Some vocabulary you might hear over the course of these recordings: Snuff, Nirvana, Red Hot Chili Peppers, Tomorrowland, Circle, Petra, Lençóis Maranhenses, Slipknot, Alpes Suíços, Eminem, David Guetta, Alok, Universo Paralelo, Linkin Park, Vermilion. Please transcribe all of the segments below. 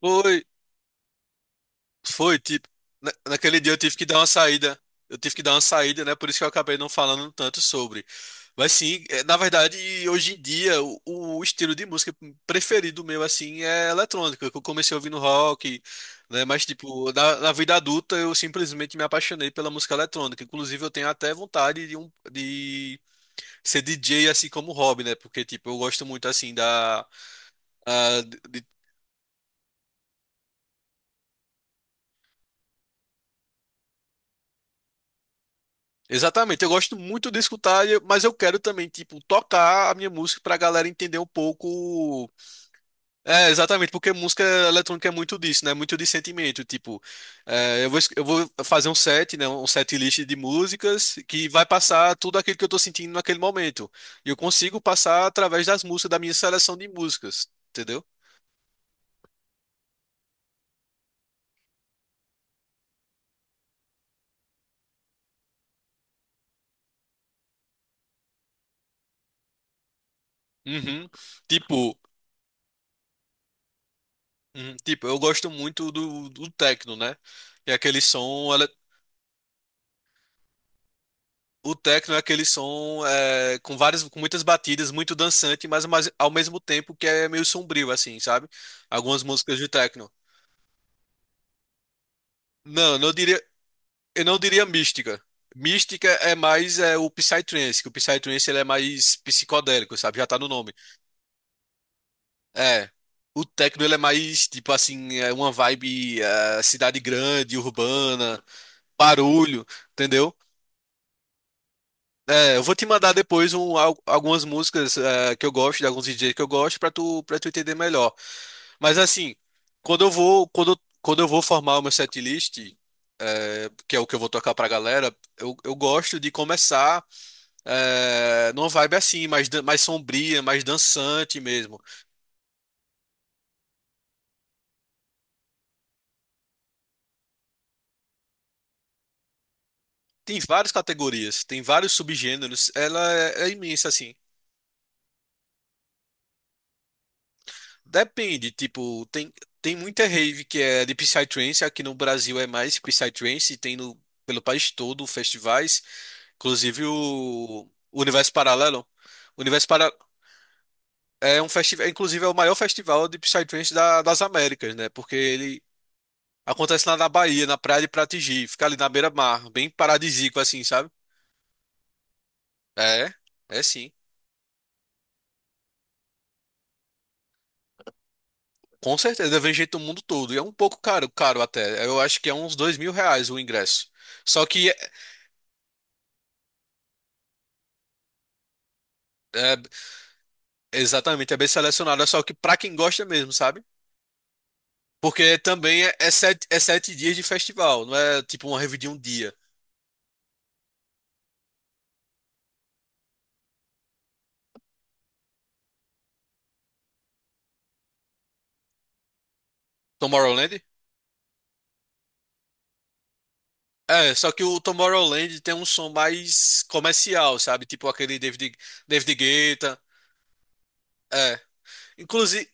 Foi, foi, tipo, naquele dia eu tive que dar uma saída, eu tive que dar uma saída, né? Por isso que eu acabei não falando tanto sobre. Mas sim, na verdade, hoje em dia, o estilo de música preferido meu, assim, é eletrônica, que eu comecei ouvindo rock, né? Mas, tipo, na vida adulta, eu simplesmente me apaixonei pela música eletrônica. Inclusive, eu tenho até vontade de ser DJ assim, como hobby, né? Porque, tipo, eu gosto muito, assim, da. A- de Exatamente, eu gosto muito de escutar, mas eu quero também, tipo, tocar a minha música pra galera entender um pouco. É, exatamente, porque música eletrônica é muito disso, né? Muito de sentimento. Tipo, eu vou, eu vou fazer um set, né? Um set list de músicas que vai passar tudo aquilo que eu tô sentindo naquele momento. E eu consigo passar através das músicas, da minha seleção de músicas, entendeu? Uhum. Tipo, uhum, tipo, eu gosto muito do techno, né? É aquele som. O techno é aquele som, com várias, com muitas batidas, muito dançante, mas, ao mesmo tempo que é meio sombrio, assim, sabe? Algumas músicas de techno. Não, eu não diria mística. Mística é mais, o Psytrance, que o Psytrance ele é mais psicodélico, sabe? Já tá no nome. É. O techno ele é mais, tipo assim, é uma vibe, cidade grande, urbana, barulho, entendeu? É, eu vou te mandar depois algumas músicas que eu gosto, de alguns DJs que eu gosto, pra tu, para tu entender melhor. Mas assim, quando eu vou, quando eu vou formar o meu setlist, que é o que eu vou tocar pra galera, eu gosto de começar numa vibe assim, mais, mais sombria, mais dançante mesmo. Tem várias categorias, tem vários subgêneros, ela é imensa assim. Depende, tipo, tem muita rave que é de Psytrance, aqui no Brasil é mais Psytrance, tem no, pelo país todo festivais, inclusive o Universo Paralelo. O Universo Paralelo é um festival, inclusive é o maior festival de Psytrance da- das Américas, né? Porque ele acontece lá na Bahia, na Praia de Pratigi, fica ali na beira-mar, bem paradisíaco assim, sabe? É, é sim. Com certeza, vem gente do mundo todo. E é um pouco caro, caro até. Eu acho que é uns R$ 2.000 o ingresso. Só que é, é. Exatamente, é bem selecionado, é só que pra quem gosta mesmo, sabe? Porque também é, é 7 dias de festival, não é tipo uma rave de um dia. Tomorrowland? É, só que o Tomorrowland tem um som mais comercial, sabe? Tipo aquele David Guetta. É. Inclusive,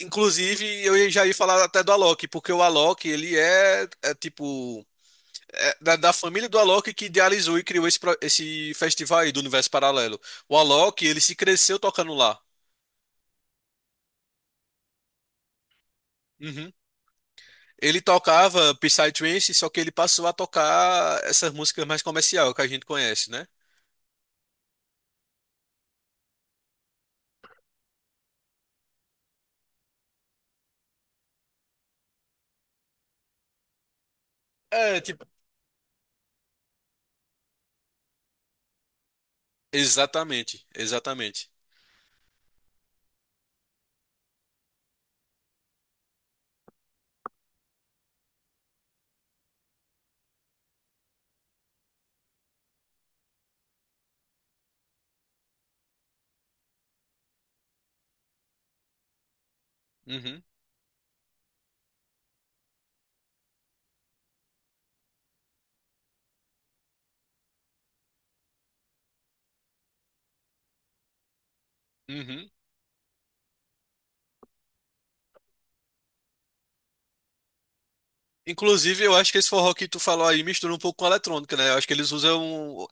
inclusive, eu já ia falar até do Alok, porque o Alok, ele é, é tipo. É da família do Alok que idealizou e criou esse, esse festival aí do Universo Paralelo. O Alok, ele se cresceu tocando lá. Uhum. Ele tocava Psytrance, só que ele passou a tocar essas músicas mais comercial que a gente conhece, né? É, tipo, exatamente, exatamente. Uhum, uhum. Inclusive, eu acho que esse forró que tu falou aí mistura um pouco com a eletrônica, né? Eu acho que eles usam,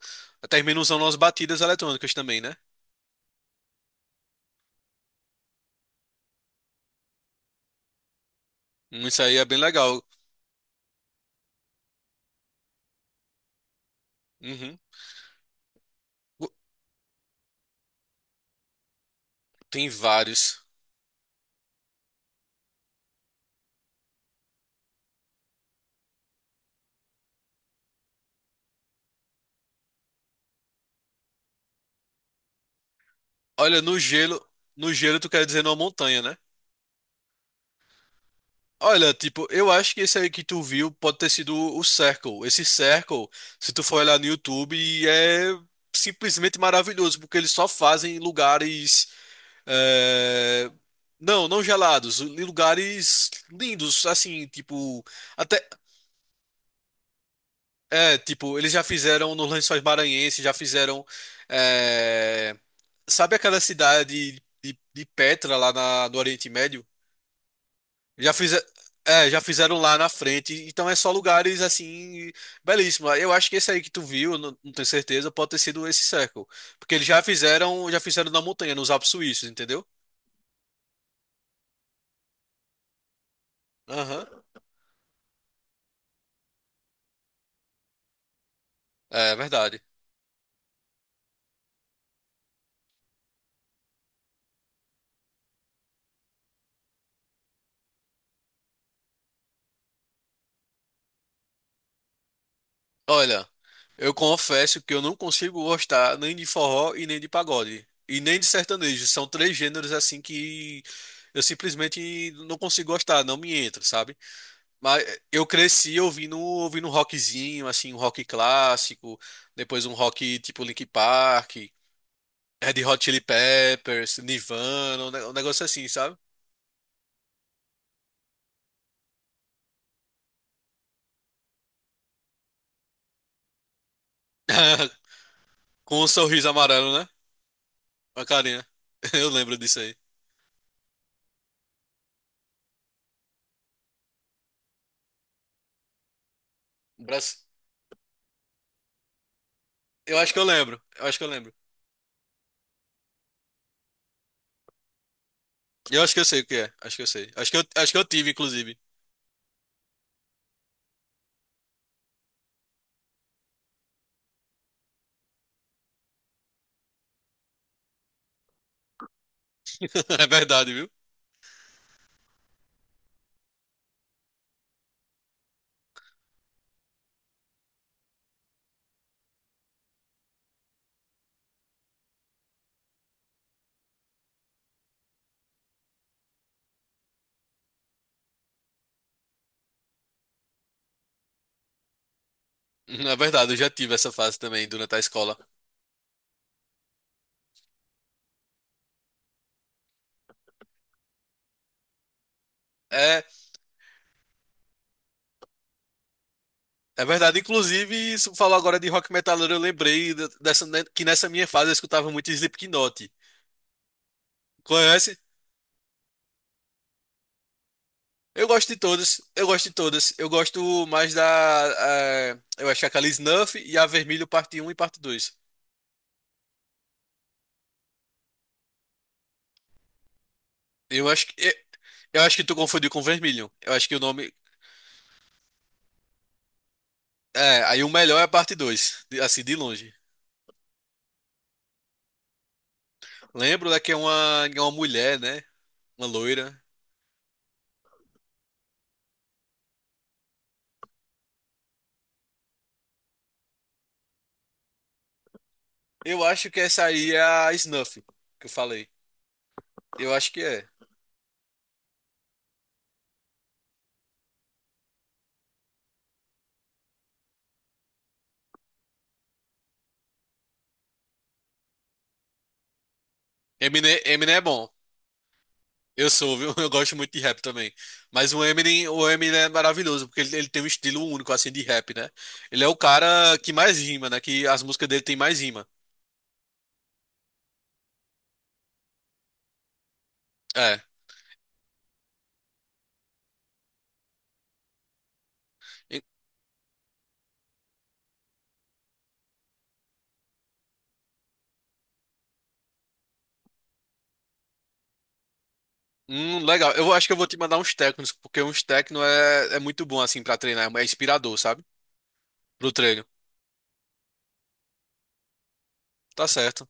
terminam usando umas batidas eletrônicas também, né? Isso aí é bem legal. Uhum. Tem vários. Olha, no gelo, no gelo tu quer dizer numa montanha, né? Olha, tipo, eu acho que esse aí que tu viu pode ter sido o Circle. Esse Circle, se tu for olhar no YouTube, é simplesmente maravilhoso, porque eles só fazem em lugares. eh, Não, não gelados, em lugares lindos, assim, tipo. Até. É, tipo, eles já fizeram nos Lençóis Maranhenses, já fizeram. eh, Sabe aquela cidade de Petra lá na, no Oriente Médio? Já fiz, já fizeram lá na frente, então é só lugares assim belíssimos. Eu acho que esse aí que tu viu, não, não tenho certeza, pode ter sido esse Circle, porque eles já fizeram na montanha, nos Alpes Suíços, entendeu? Aham. É verdade. Olha, eu confesso que eu não consigo gostar nem de forró e nem de pagode e nem de sertanejo. São três gêneros assim que eu simplesmente não consigo gostar, não me entra, sabe? Mas eu cresci ouvindo um rockzinho, assim, um rock clássico, depois um rock tipo Linkin Park, Red Hot Chili Peppers, Nirvana, um negócio assim, sabe? Com um sorriso amarelo, né? Uma carinha. Eu lembro disso aí. Um braço- Eu acho que eu lembro. Eu acho que eu lembro. Eu acho que eu sei o que é. Acho que eu sei. Acho que eu tive, inclusive. É verdade, viu? É verdade, eu já tive essa fase também durante a escola. é É verdade, inclusive, você falou agora de rock metaleiro, eu lembrei dessa, né, que nessa minha fase eu escutava muito Slipknot. Conhece? Eu gosto de todas, eu gosto de todas. Eu gosto mais da. Eu acho que é aquela Snuff e a Vermelho parte Um e parte 2. Eu acho que. eh, Eu acho que tu confundiu com Vermilion. Eu acho que o nome. É, aí o melhor é a parte 2, assim, de longe. Lembro da que é uma mulher, né? Uma loira. Eu acho que essa aí é a Snuff, que eu falei. Eu acho que é. Eminem é bom. Eu sou, viu? Eu gosto muito de rap também. Mas o Eminem é maravilhoso, porque ele tem um estilo único, assim, de rap, né? Ele é o cara que mais rima, né? Que as músicas dele tem mais rima. É. E- legal. Eu acho que eu vou te mandar uns técnicos, porque uns técnicos é muito bom, assim, pra treinar. É inspirador, sabe? Pro treino. Tá certo.